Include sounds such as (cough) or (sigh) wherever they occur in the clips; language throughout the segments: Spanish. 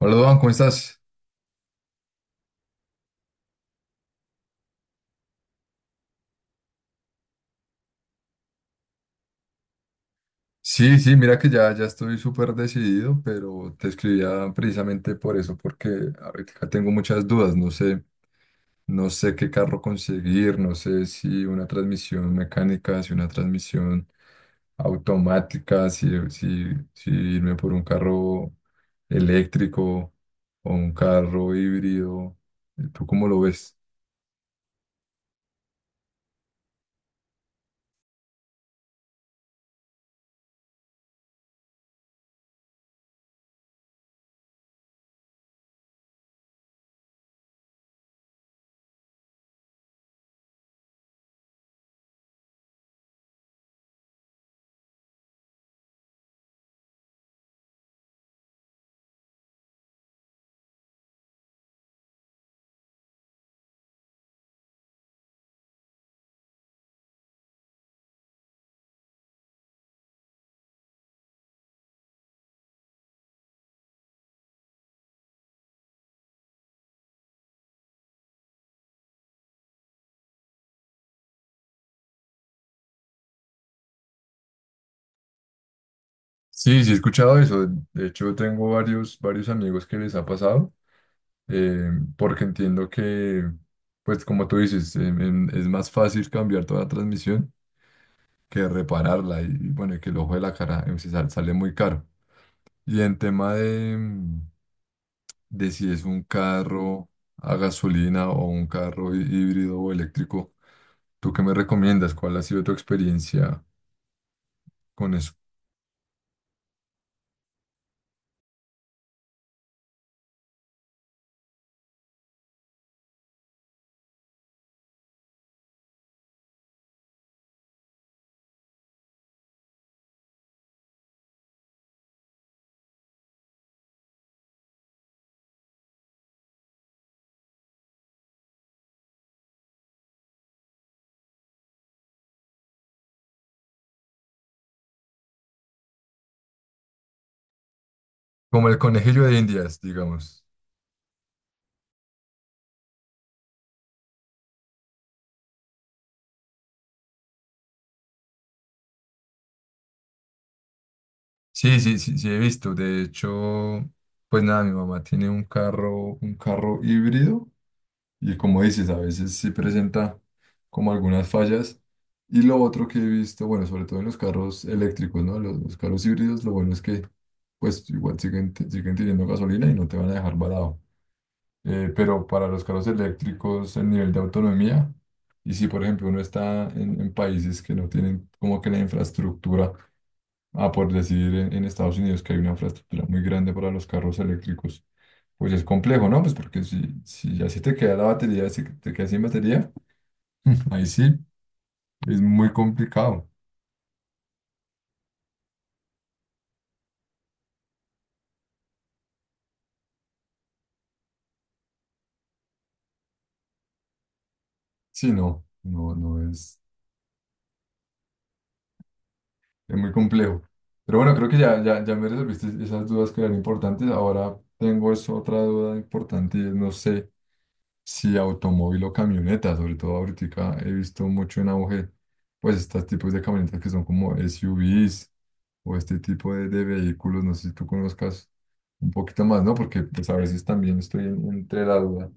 Hola, Duan, ¿cómo estás? Sí, sí, mira que ya estoy súper decidido, pero te escribía precisamente por eso, porque ahorita tengo muchas dudas, no sé, no sé qué carro conseguir, no sé si una transmisión mecánica, si una transmisión automática, si irme por un carro eléctrico o un carro híbrido. ¿Tú cómo lo ves? Sí, sí he escuchado eso. De hecho, tengo varios amigos que les ha pasado. eh, Porque entiendo que, pues como tú dices, es más fácil cambiar toda la transmisión que repararla y bueno, y que el ojo de la cara em, sale muy caro. Y en tema de de si es un carro a gasolina o un carro híbrido o eléctrico, ¿tú qué me recomiendas? ¿Cuál ha sido tu experiencia con eso? Como el conejillo de Indias, digamos. Sí, sí, sí, sí he visto. De hecho, pues nada, mi mamá tiene un carro híbrido. Y como dices, a veces sí presenta como algunas fallas. Y lo otro que he visto, bueno, sobre todo en los carros eléctricos, ¿no? Los carros híbridos, lo bueno es que pues igual siguen teniendo gasolina y no te van a dejar varado. Pero para los carros eléctricos, el nivel de autonomía, y si por ejemplo uno está en países que no tienen como que la infraestructura. Ah, por decir en Estados Unidos que hay una infraestructura muy grande para los carros eléctricos. Pues es complejo, ¿no? Pues porque si, si ya se te queda la batería, si te quedas sin batería, (laughs) ahí sí, es muy complicado. Sí, no, no, no es, es muy complejo. Pero bueno, creo que ya me resolviste esas dudas que eran importantes. Ahora tengo es otra duda importante y es, no sé. Sí, automóvil o camioneta, sobre todo ahorita he visto mucho en auge, pues estos tipos de camionetas que son como SUVs o este tipo de vehículos, no sé si tú conozcas un poquito más, ¿no? Porque pues a veces también estoy entre la duda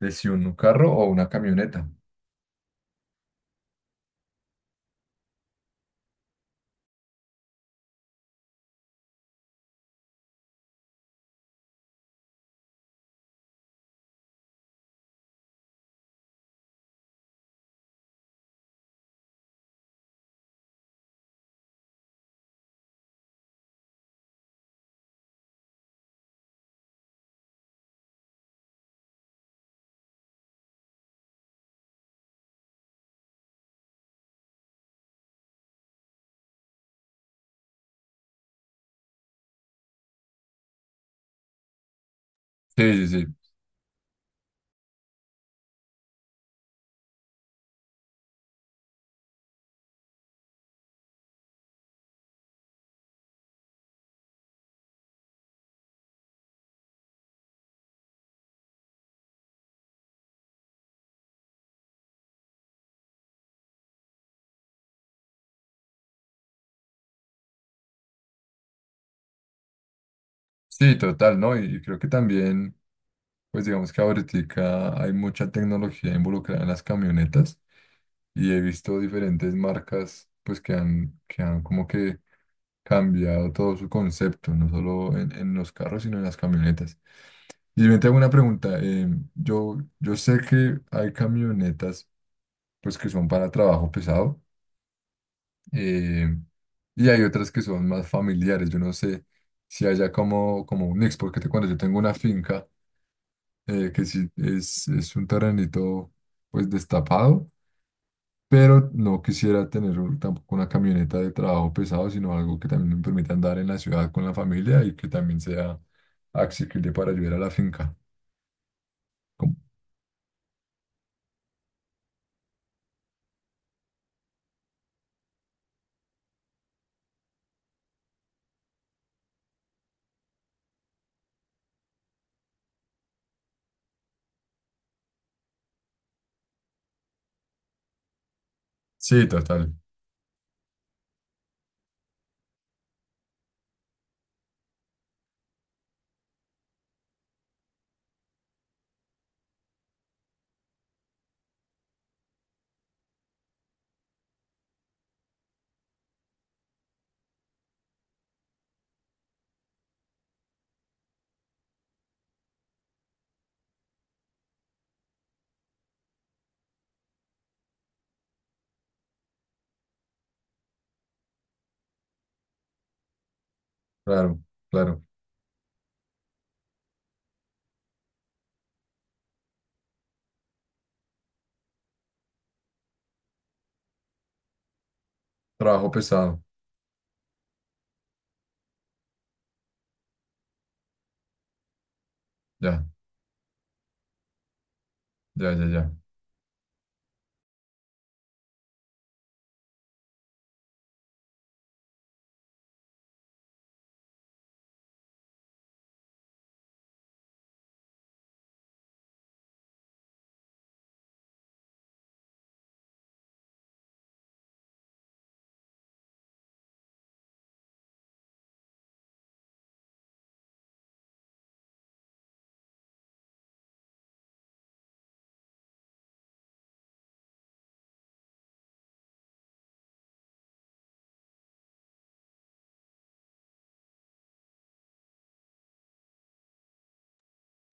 de si un carro o una camioneta. Sí, sí, sí, sí, total, ¿no? Y creo que también, pues digamos que ahorita hay mucha tecnología involucrada en las camionetas y he visto diferentes marcas, pues que han como que cambiado todo su concepto, no solo en los carros, sino en las camionetas. Y yo te hago una pregunta. Yo sé que hay camionetas pues que son para trabajo pesado, eh, y hay otras que son más familiares. Yo no sé si haya como un mix, porque te cuento, yo tengo una finca que sí es un terrenito pues destapado, pero no quisiera tener tampoco una camioneta de trabajo pesado, sino algo que también me permita andar en la ciudad con la familia y que también sea accesible para ayudar a la finca. Como... Sí, total, claro, claro. Trabajo pesado, ya, ya, ya, ya.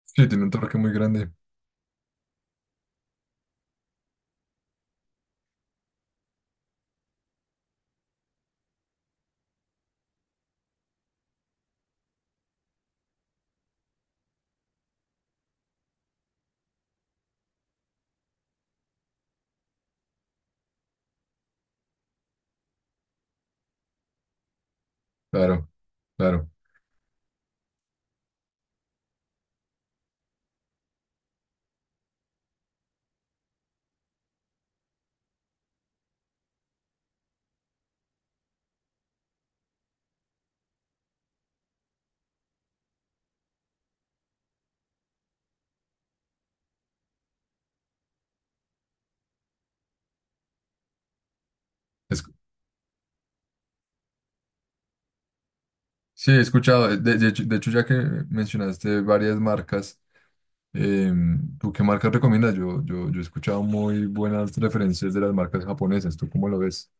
Sí, tiene un torque muy grande, claro, claro. Es... sí, he escuchado, de hecho, ya que mencionaste varias marcas, ¿tú qué marcas recomiendas? Yo he escuchado muy buenas referencias de las marcas japonesas, ¿tú cómo lo ves?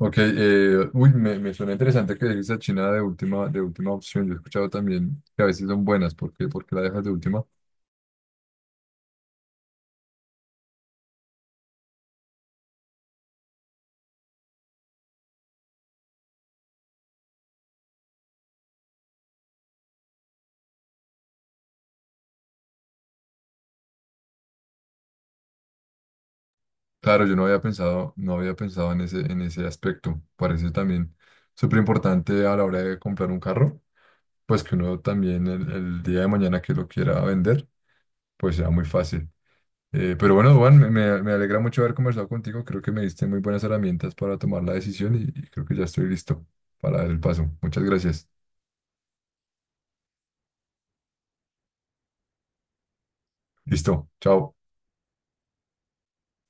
Ok, uy, me suena interesante que dejes a China de última opción. Yo he escuchado también que a veces son buenas, porque porque por la dejas de última? Claro, yo no había pensado, no había pensado en ese aspecto. Parece también súper importante a la hora de comprar un carro, pues que uno también el día de mañana que lo quiera vender, pues sea muy fácil. Pero bueno, Juan, me alegra mucho haber conversado contigo. Creo que me diste muy buenas herramientas para tomar la decisión y creo que ya estoy listo para el paso. Muchas gracias. Listo, chao.